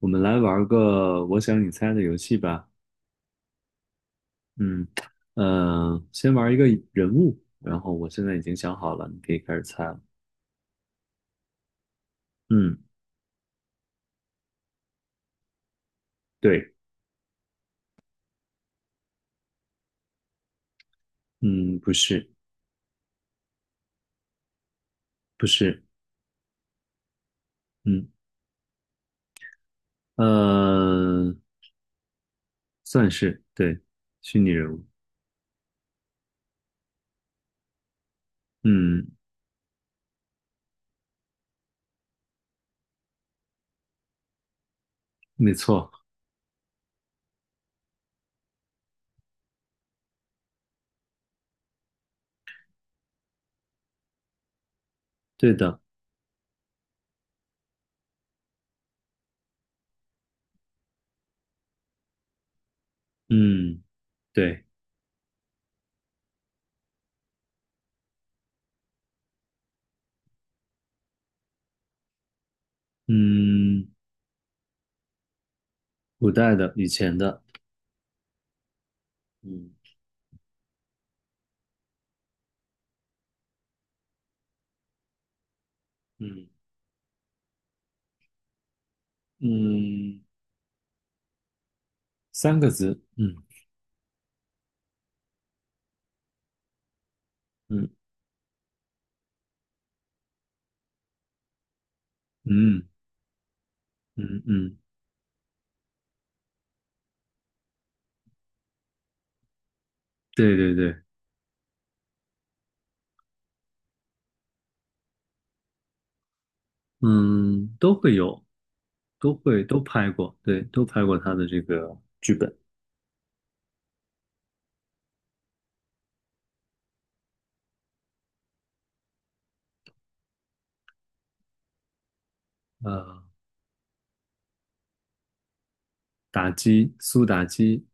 我们来玩个我想你猜的游戏吧。嗯，先玩一个人物，然后我现在已经想好了，你可以开始猜了。嗯，对，嗯，不是，不是，嗯，呃，算是，对，虚拟人物。嗯，没错，对的。嗯，对，嗯，古代的，以前的。嗯嗯嗯，三个字。嗯嗯嗯嗯，对对对，嗯，都会有，都拍过，对，都拍过他的这个剧本。呃，打击，苏打击，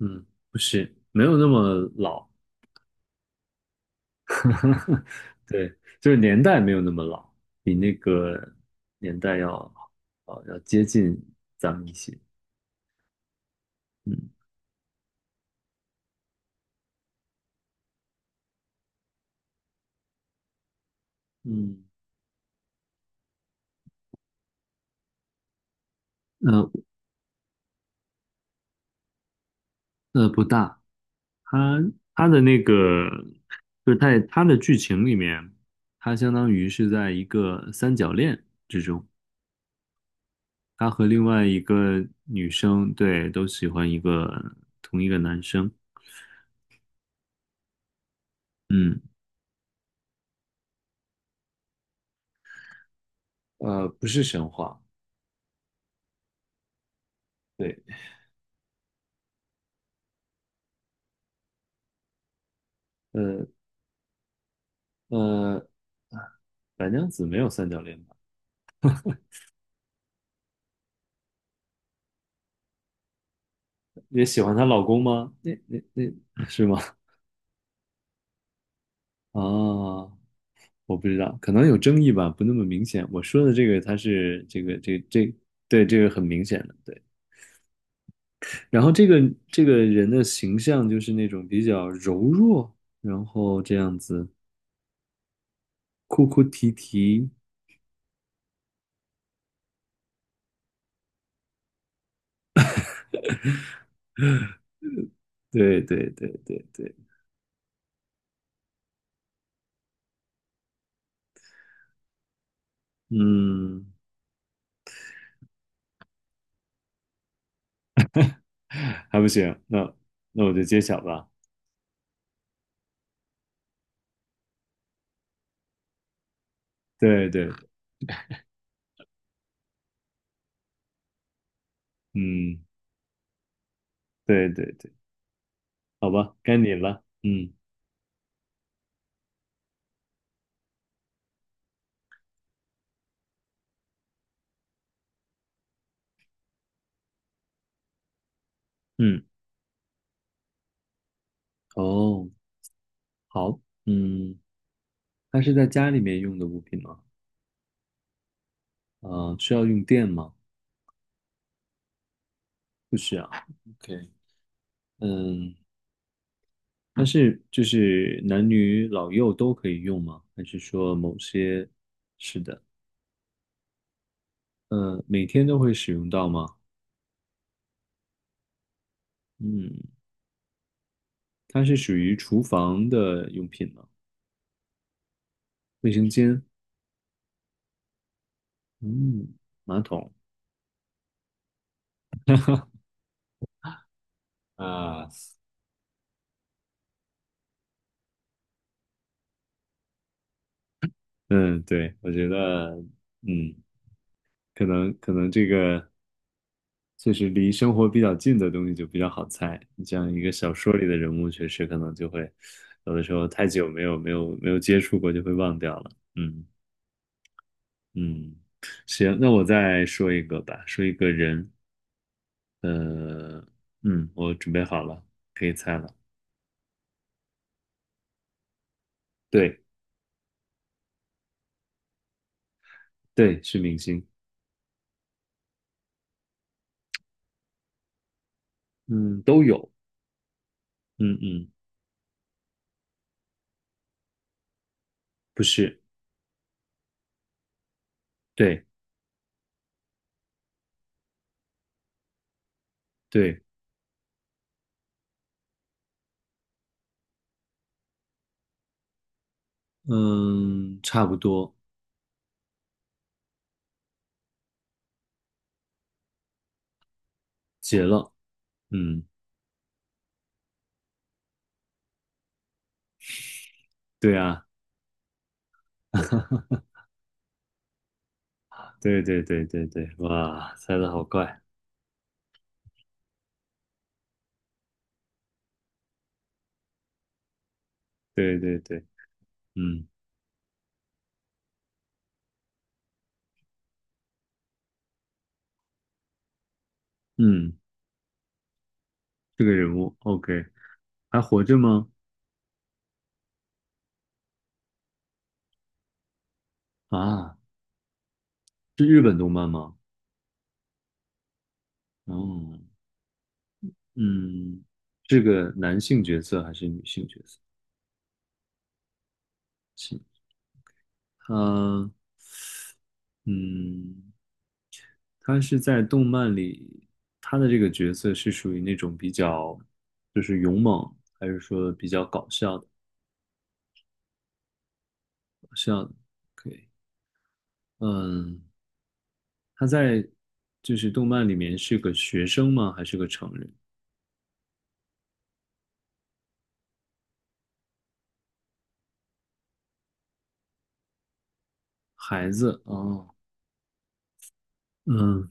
嗯，不是，没有那么老。对，就是年代没有那么老，比那个年代要要接近咱们一些。嗯嗯，呃不大，他他的那个就是在他的剧情里面，他相当于是在一个三角恋。他和另外一个女生，对，都喜欢同一个男生。嗯，呃，不是神话，对，呃呃，白娘子没有三角恋吧？也喜欢她老公吗？那那是吗？啊，我不知道，可能有争议吧，不那么明显。我说的这个，他是这个,对这个很明显的，对。然后这个人的形象就是那种比较柔弱，然后这样子哭哭啼啼，对对对对对，嗯，还不行，那我就揭晓吧。对对，嗯，对对对，好吧，该你了。嗯嗯，哦，好，嗯，它是在家里面用的物品吗？啊、需要用电吗？不需要。OK,嗯，但是就是男女老幼都可以用吗？还是说某些？是的，嗯，每天都会使用到吗？嗯，它是属于厨房的用品吗？卫生间，嗯，马桶，啊，嗯，对，我觉得，嗯，可能可能这个就是离生活比较近的东西就比较好猜。你像一个小说里的人物，确实可能就会有的时候太久没有接触过，就会忘掉了。嗯嗯，行，那我再说一个吧，说一个人，呃，嗯，我准备好了，可以猜了。对对，是明星，嗯，都有，嗯嗯，不是，对。对，嗯，差不多，结了，嗯，对啊，对对对对对，哇，猜的好快，对对对，嗯嗯，这个人物，OK,还活着吗？啊，是日本动漫吗？哦，嗯，是个男性角色还是女性角色？是，他，嗯，他是在动漫里，他的这个角色是属于那种比较，就是勇猛，还是说比较搞笑？的？是要的可以。嗯，他在就是动漫里面是个学生吗？还是个成人？孩子哦，嗯，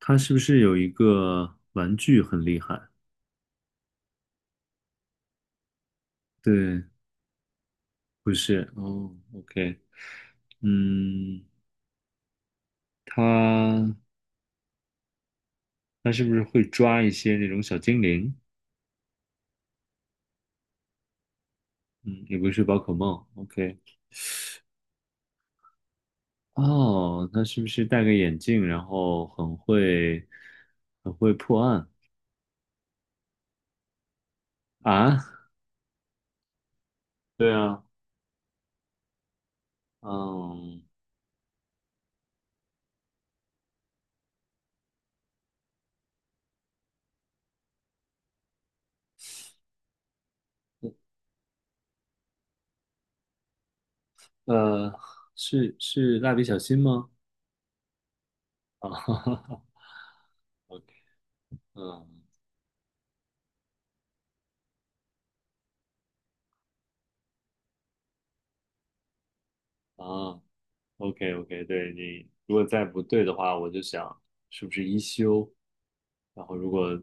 他是不是有一个玩具很厉害？对，不是哦，OK,嗯，他他是不是会抓一些那种小精灵？嗯，也不是宝可梦，OK。哦，他是不是戴个眼镜，然后很会破案啊？对啊，嗯。呃，是蜡笔小新吗？啊哈哈哈，OK,嗯啊，OK OK,对你如果再不对的话，我就想是不是一休，然后如果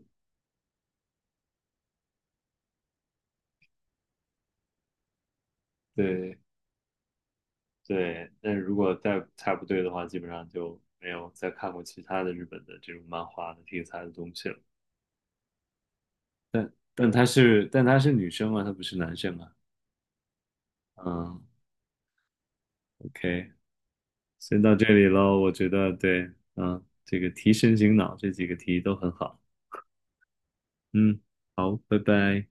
对对，但是如果再不对的话，基本上就没有再看过其他的日本的这种漫画的题材的东西了。但她是女生啊，她不是男生啊。嗯，OK,先到这里喽，我觉得对，嗯，这个提神醒脑这几个题都很好。嗯，好，拜拜。